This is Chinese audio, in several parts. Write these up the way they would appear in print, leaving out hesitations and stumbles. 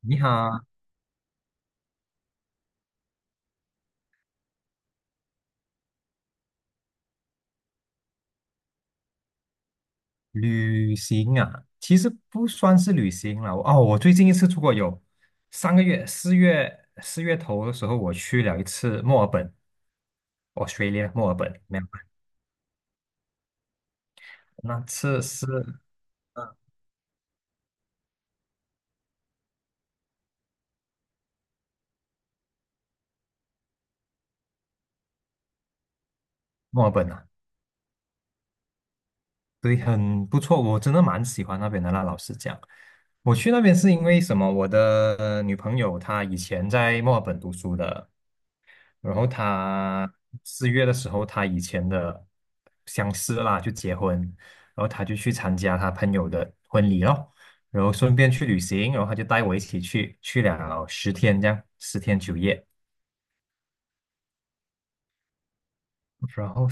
你好。旅行啊，其实不算是旅行了。哦，我最近一次出国有3个月，四月头的时候，我去了一次墨尔本，Australia 墨尔本。没有，那次是嗯墨尔本啊，对，很不错，我真的蛮喜欢那边的啦。老实讲，我去那边是因为什么？我的女朋友她以前在墨尔本读书的，然后他四月的时候，他以前的相识啦，就结婚，然后他就去参加他朋友的婚礼咯，然后顺便去旅行，然后他就带我一起去，去了十天这样，10天9夜。然后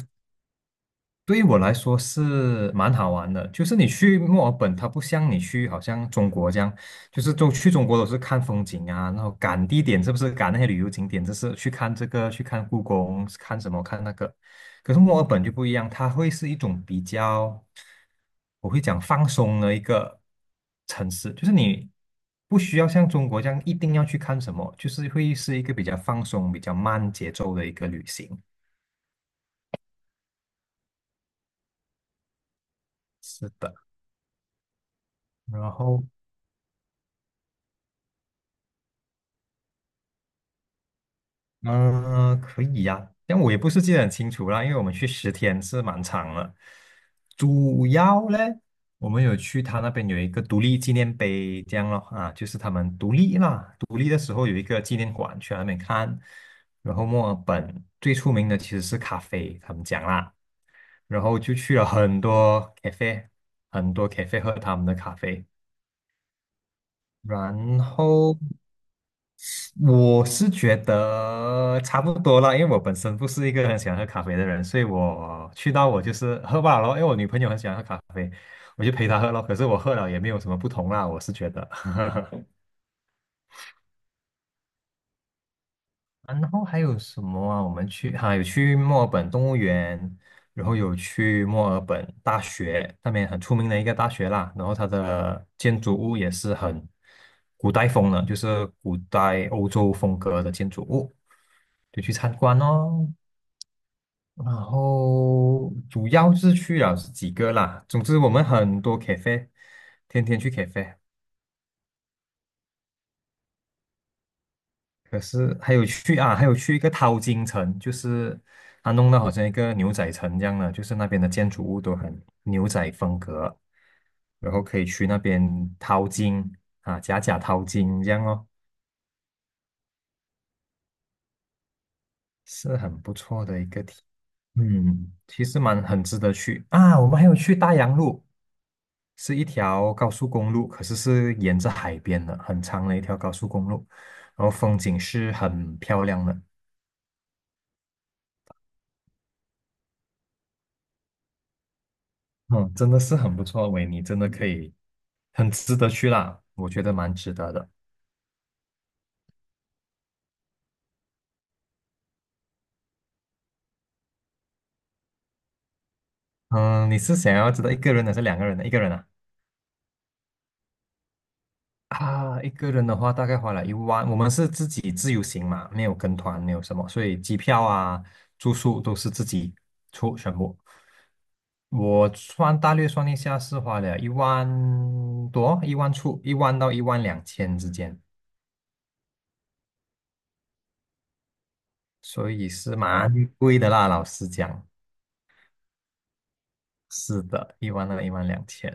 对于我来说是蛮好玩的，就是你去墨尔本，它不像你去好像中国这样，就是都去中国都是看风景啊，然后赶地点是不是赶那些旅游景点，就是去看这个，去看故宫，看什么看那个。可是墨尔本就不一样，它会是一种比较，我会讲放松的一个城市，就是你不需要像中国这样一定要去看什么，就是会是一个比较放松、比较慢节奏的一个旅行。是的。然后嗯、可以呀，但我也不是记得很清楚啦，因为我们去十天是蛮长了。主要嘞，我们有去他那边有一个独立纪念碑，这样咯啊，就是他们独立啦，独立的时候有一个纪念馆去那边看。然后墨尔本最出名的其实是咖啡，他们讲啦，然后就去了很多咖啡，很多咖啡 喝他们的咖啡，然后。我是觉得差不多了，因为我本身不是一个很喜欢喝咖啡的人，所以我去到我就是喝罢了咯，因为我女朋友很喜欢喝咖啡，我就陪她喝咯。可是我喝了也没有什么不同啦，我是觉得。啊然后还有什么啊？我们有去墨尔本动物园，然后有去墨尔本大学，那边很出名的一个大学啦。然后它的建筑物也是很古代风的，就是古代欧洲风格的建筑物，就去参观哦。然后主要是去了是几个啦，总之我们很多 cafe，天天去 cafe，可是还有去啊，还有去一个淘金城，就是它弄得好像一个牛仔城一样的，就是那边的建筑物都很牛仔风格，然后可以去那边淘金啊，假假淘金这样哦，是很不错的一个体。嗯，其实蛮很值得去啊，我们还有去大洋路。是一条高速公路，可是是沿着海边的，很长的一条高速公路，然后风景是很漂亮的。嗯，真的是很不错，维尼真的可以，很值得去啦，我觉得蛮值得的。嗯，你是想要知道一个人的还是两个人的？一个人啊？啊，一个人的话大概花了一万。我们是自己自由行嘛，没有跟团，没有什么，所以机票啊、住宿都是自己出全部。大略算一下，是花了一万多，一万出，一万到一万两千之间，所以是蛮贵的啦。老实讲，是的，1万2、一万两千，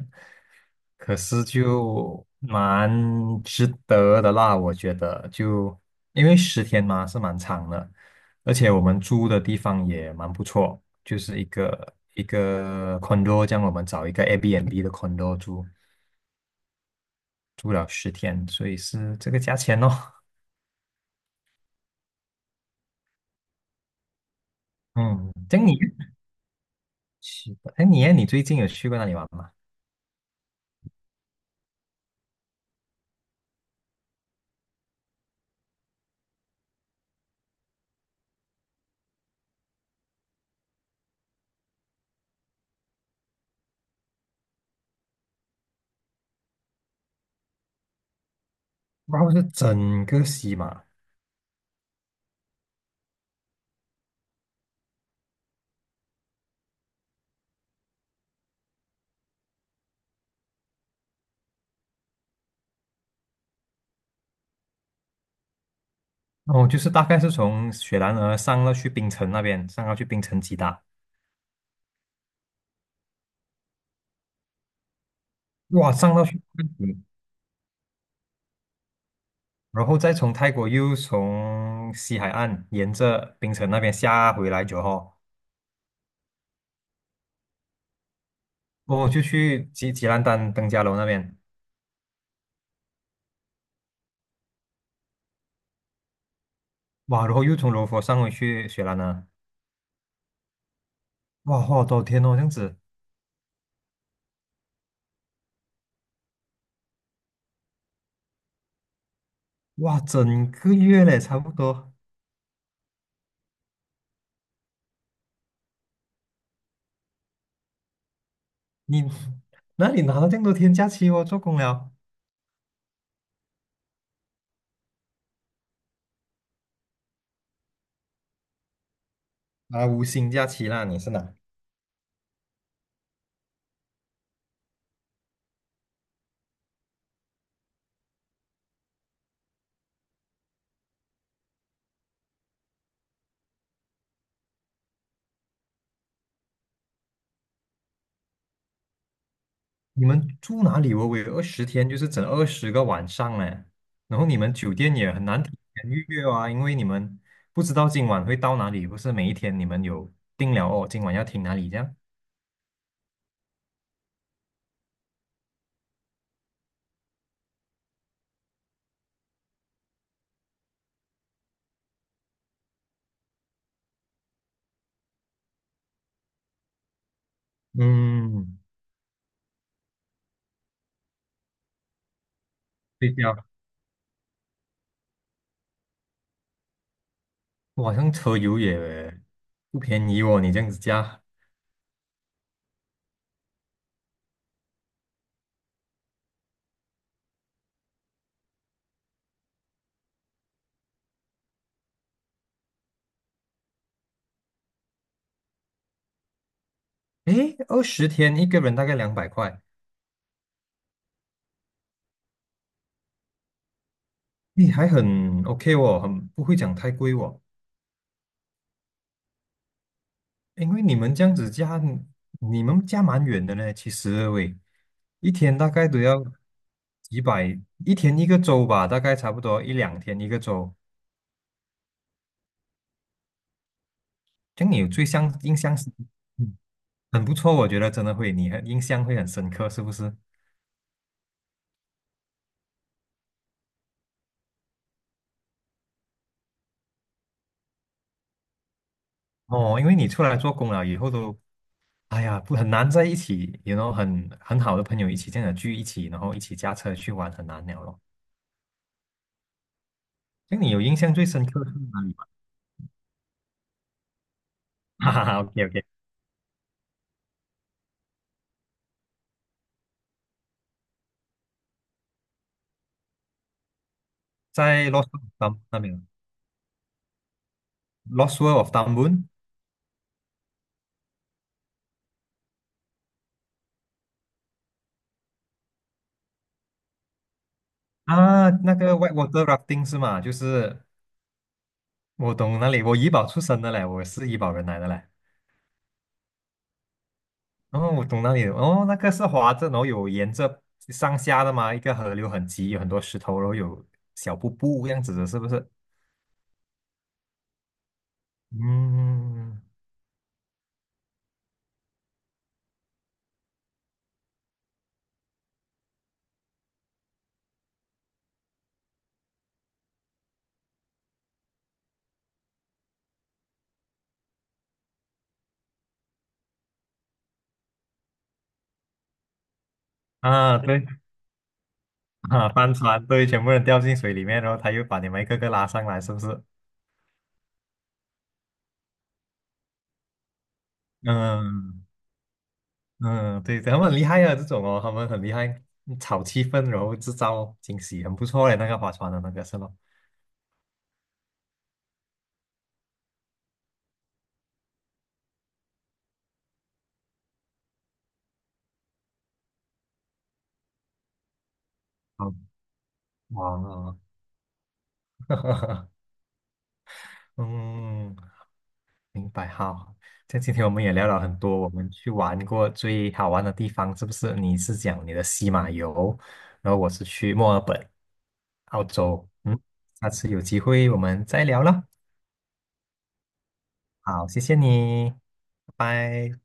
可是就蛮值得的啦，我觉得就因为十天嘛是蛮长的，而且我们住的地方也蛮不错，就是一个一个 condo，这样我们找一个 Airbnb 的 condo 住，住了十天，所以是这个价钱哦。嗯，这样你是的。哎你最近有去过哪里玩吗？然后是整个西马。哦，就是大概是从雪兰莪上到去槟城那边，上到去槟城吉打。哇，上到去泰国。然后再从泰国又从西海岸沿着槟城那边下回来酒后。哦，就去吉兰丹登嘉楼那边。哇，然后又从罗佛上回去雪兰莪。哇，好多天哦，这样子。哇，整个月嘞，差不多。你 那你拿了这么多天假期哦？做工了。啊，无薪假期啦，你是哪？你们住哪里？我有二十天，就是整二十个晚上哎。然后你们酒店也很难提前预约啊，因为你们不知道今晚会到哪里，不是每一天你们有定了哦，今晚要停哪里这样。嗯，对呀，晚上车油也不便宜哦，你这样子加。诶，二十天一个人大概200块，你还很 OK 哦，很不会讲太贵哦。因为你们这样子加，你们加蛮远的呢。其实喂，一天大概都要几百，一天一个周吧，大概差不多一两天一个周。这样你有最相印象是。嗯，很不错，我觉得真的会，你很印象会很深刻，是不是？哦，因为你出来做工了以后都，哎呀，不很难在一起，然后很好的朋友一起这样的聚一起，然后一起驾车去玩，很难了咯。这样你有印象最深刻是哪里吗？ 哈哈哈，OK OK。在洛杉矶那边。Lost World of d u n b o n 啊，那个 whitewater rafting 是吗？就是我懂那里，我怡保出生的嘞，我是怡保人来的嘞。然后我懂那里，哦，那个是滑着，然后有沿着上下的嘛，一个河流很急，有很多石头，然后有小瀑布这样子的，是不是？嗯，啊，对啊，帆船，对，全部人掉进水里面，然后他又把你们一个个拉上来，是不是？嗯。嗯，对，他们很厉害啊，这种哦，他们很厉害，炒气氛，然后制造惊喜，很不错嘞。那个划船的那个是吧？好。哇，嗯，明白。好，像今天我们也聊了很多，我们去玩过最好玩的地方，是不是？你是讲你的西马游，然后我是去墨尔本，澳洲。嗯，下次有机会我们再聊了。好，谢谢你，拜拜。